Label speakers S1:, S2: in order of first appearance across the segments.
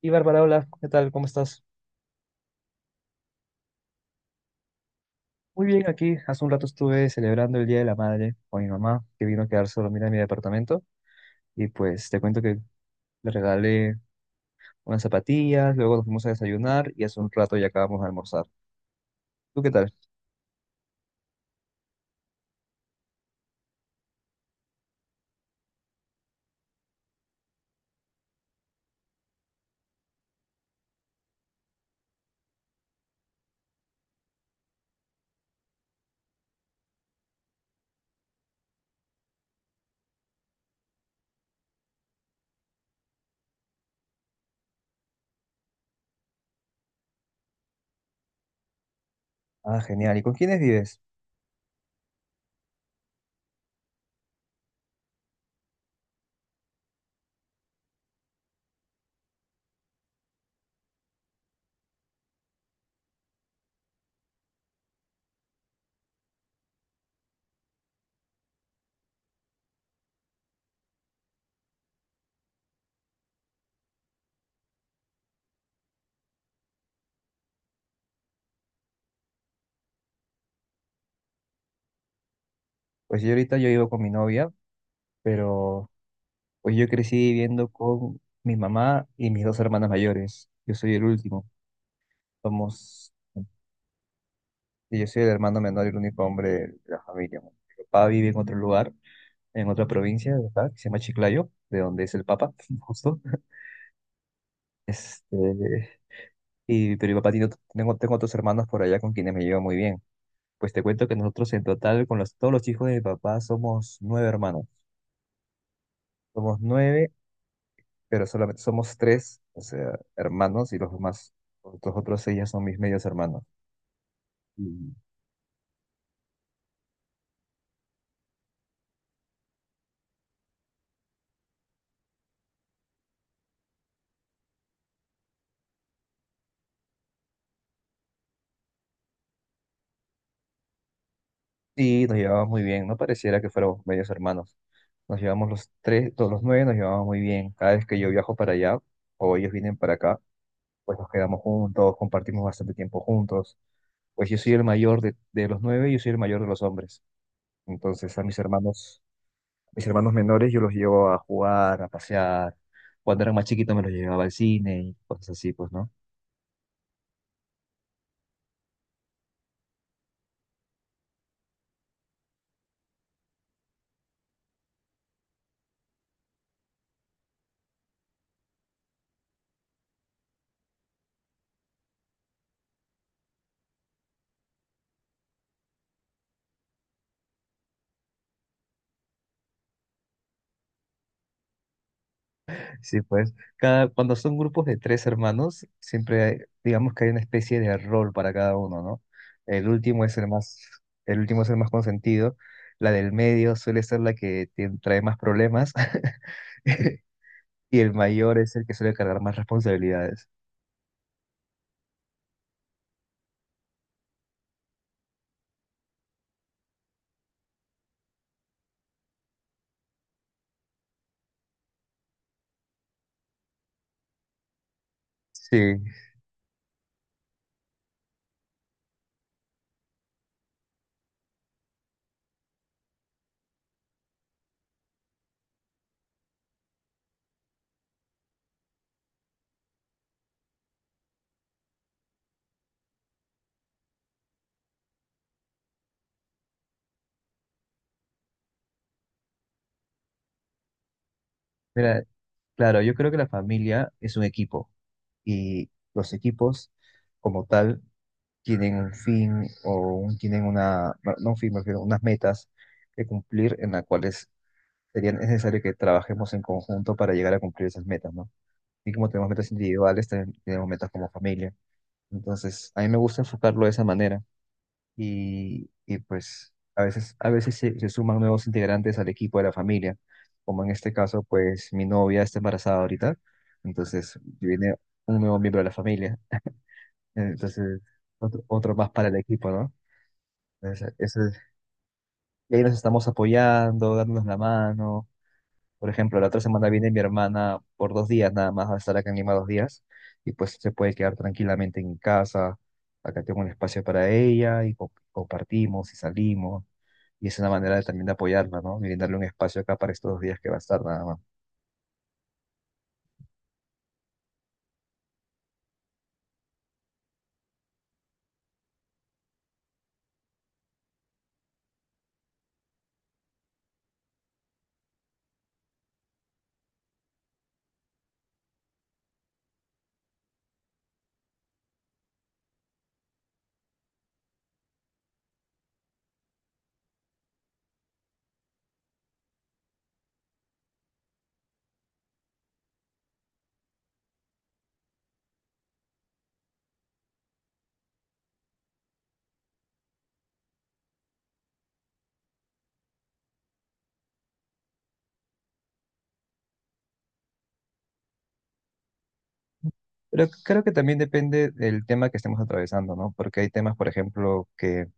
S1: Y Bárbara, hola, ¿qué tal? ¿Cómo estás? Muy bien, aquí hace un rato estuve celebrando el Día de la Madre con mi mamá, que vino a quedarse a dormir en mi departamento. Y pues te cuento que le regalé unas zapatillas, luego nos fuimos a desayunar y hace un rato ya acabamos de almorzar. ¿Tú qué tal? Ah, genial. ¿Y con quiénes vives? Pues yo ahorita yo vivo con mi novia, pero pues yo crecí viviendo con mi mamá y mis dos hermanas mayores. Yo soy el último. Somos, y yo soy el hermano menor y el único hombre de la familia. Mi papá vive en otro lugar en otra provincia de acá, que se llama Chiclayo, de donde es el Papa, justo. Este, pero mi papá tengo otros hermanos por allá con quienes me llevo muy bien. Pues te cuento que nosotros en total, todos los hijos de mi papá, somos nueve hermanos. Somos nueve, pero solamente somos tres, o sea, hermanos, y los demás, los otros seis ya son mis medios hermanos. Y, y nos llevamos muy bien, no pareciera que fuéramos medios hermanos. Nos llevamos los tres, todos los nueve nos llevamos muy bien. Cada vez que yo viajo para allá, o ellos vienen para acá, pues nos quedamos juntos, compartimos bastante tiempo juntos. Pues yo soy el mayor de los nueve, yo soy el mayor de los hombres. Entonces a mis hermanos menores yo los llevo a jugar, a pasear. Cuando eran más chiquitos me los llevaba al cine y cosas así, pues, ¿no? Sí, pues, cuando son grupos de tres hermanos, siempre digamos que hay una especie de rol para cada uno, ¿no? El último es el más, el último es el más consentido. La del medio suele ser la que te trae más problemas. Y el mayor es el que suele cargar más responsabilidades. Sí, mira, claro, yo creo que la familia es un equipo y los equipos como tal tienen un fin o tienen una, no un fin, me refiero, unas metas que cumplir en las cuales sería necesario que trabajemos en conjunto para llegar a cumplir esas metas, ¿no? Y como tenemos metas individuales, también tenemos metas como familia. Entonces, a mí me gusta enfocarlo de esa manera. Pues a veces se suman nuevos integrantes al equipo de la familia, como en este caso, pues mi novia está embarazada ahorita, entonces viene un nuevo miembro de la familia, entonces otro más para el equipo, ¿no? Entonces, y ahí nos estamos apoyando, dándonos la mano. Por ejemplo, la otra semana viene mi hermana por 2 días nada más, va a estar acá en Lima 2 días y pues se puede quedar tranquilamente en mi casa. Acá tengo un espacio para ella y compartimos y salimos. Y es una manera también de apoyarla, ¿no? Y brindarle un espacio acá para estos 2 días que va a estar nada más. Pero creo que también depende del tema que estemos atravesando, ¿no? Porque hay temas, por ejemplo, que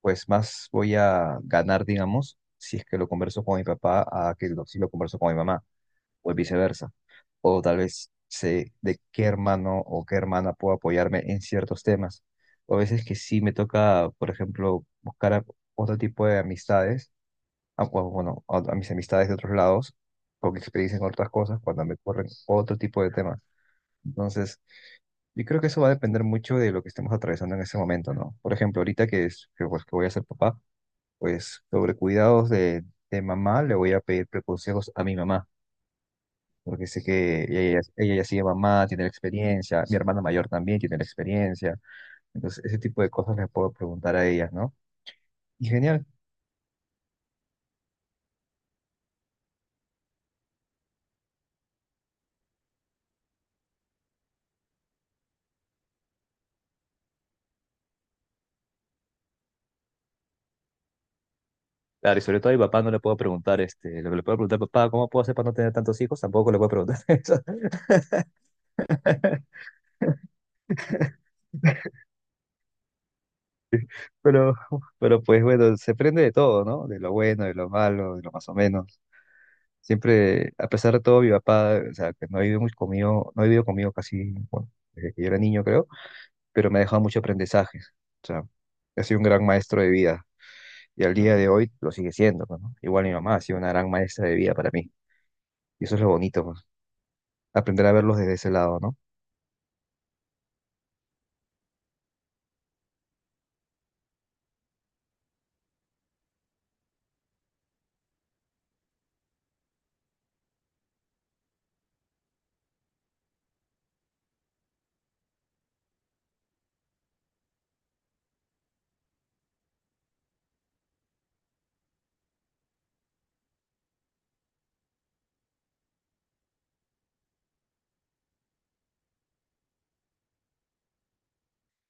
S1: pues más voy a ganar, digamos, si es que lo converso con mi papá, si lo converso con mi mamá, o viceversa. O tal vez sé de qué hermano o qué hermana puedo apoyarme en ciertos temas. O a veces que sí me toca, por ejemplo, buscar otro tipo de amistades o, bueno, a mis amistades de otros lados, con experiencia en otras cosas, cuando me corren otro tipo de temas. Entonces, yo creo que eso va a depender mucho de lo que estemos atravesando en ese momento, ¿no? Por ejemplo, ahorita que voy a ser papá, pues sobre cuidados de mamá, le voy a pedir consejos a mi mamá, porque sé que ella ya sigue mamá, tiene la experiencia, mi hermana mayor también tiene la experiencia, entonces ese tipo de cosas les puedo preguntar a ellas, ¿no? Y genial. Claro, y sobre todo a mi papá no le puedo preguntar, lo que le puedo preguntar, papá, ¿cómo puedo hacer para no tener tantos hijos? Tampoco le puedo preguntar eso. Pero, pero pues bueno, se aprende de todo, ¿no? De lo bueno, de lo malo, de lo más o menos. Siempre, a pesar de todo, mi papá, o sea, que no ha vivido mucho conmigo, no ha vivido conmigo casi, bueno, desde que yo era niño, creo, pero me ha dejado muchos aprendizajes. O sea, ha sido un gran maestro de vida. Y al día de hoy lo sigue siendo, pues, ¿no? Igual mi mamá ha sido una gran maestra de vida para mí. Y eso es lo bonito, pues, aprender a verlos desde ese lado, ¿no?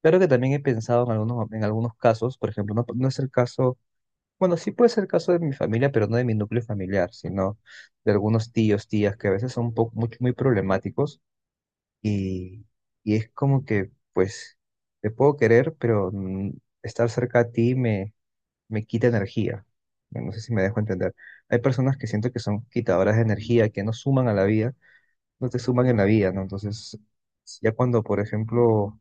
S1: Claro que también he pensado en algunos, casos, por ejemplo, no, no es el caso, bueno, sí puede ser el caso de mi familia, pero no de mi núcleo familiar, sino de algunos tíos, tías, que a veces son un poco, muy, muy problemáticos y, y es como que, pues, te puedo querer, pero estar cerca a ti me quita energía. No sé si me dejo entender. Hay personas que siento que son quitadoras de energía, que no suman a la vida, no te suman en la vida, ¿no? Entonces, ya cuando, por ejemplo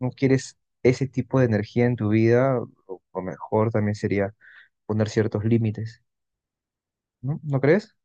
S1: no quieres ese tipo de energía en tu vida, o mejor también sería poner ciertos límites, ¿no? ¿No crees?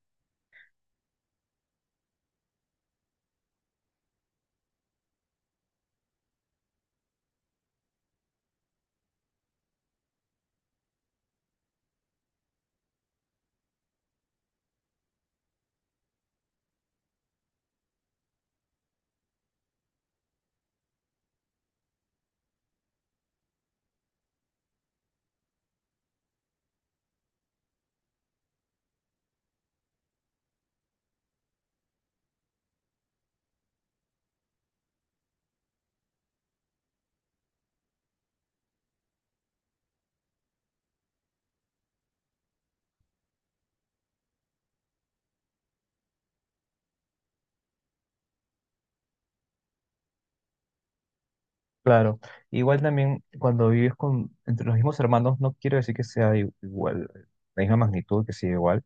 S1: Claro, igual también cuando vives con, entre los mismos hermanos, no quiero decir que sea igual, la misma magnitud, que sea igual,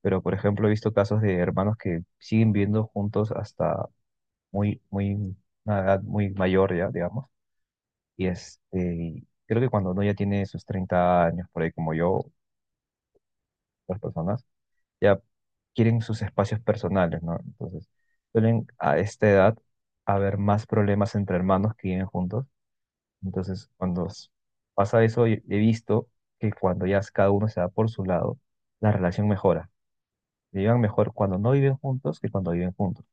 S1: pero por ejemplo he visto casos de hermanos que siguen viviendo juntos hasta muy, muy, una edad muy mayor ya, digamos, y creo que cuando uno ya tiene sus 30 años, por ahí como yo, otras personas, ya quieren sus espacios personales, ¿no? Entonces, suelen a esta edad haber más problemas entre hermanos que viven juntos. Entonces, cuando pasa eso, he visto que cuando ya cada uno se va por su lado, la relación mejora. Vivan mejor cuando no viven juntos que cuando viven juntos.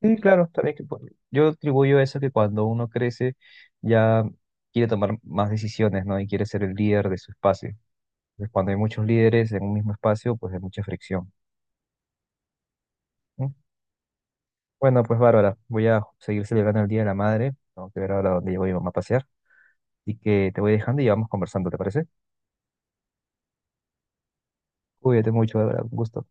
S1: Sí, claro, también yo atribuyo eso que cuando uno crece ya quiere tomar más decisiones, ¿no? Y quiere ser el líder de su espacio. Entonces, cuando hay muchos líderes en un mismo espacio, pues hay mucha fricción. Bueno, pues Bárbara, voy a seguir celebrando el Día de la Madre. Tengo que ver ahora dónde llevo a mi mamá a pasear. Y que te voy dejando y vamos conversando, ¿te parece? Cuídate mucho, Bárbara. Un gusto.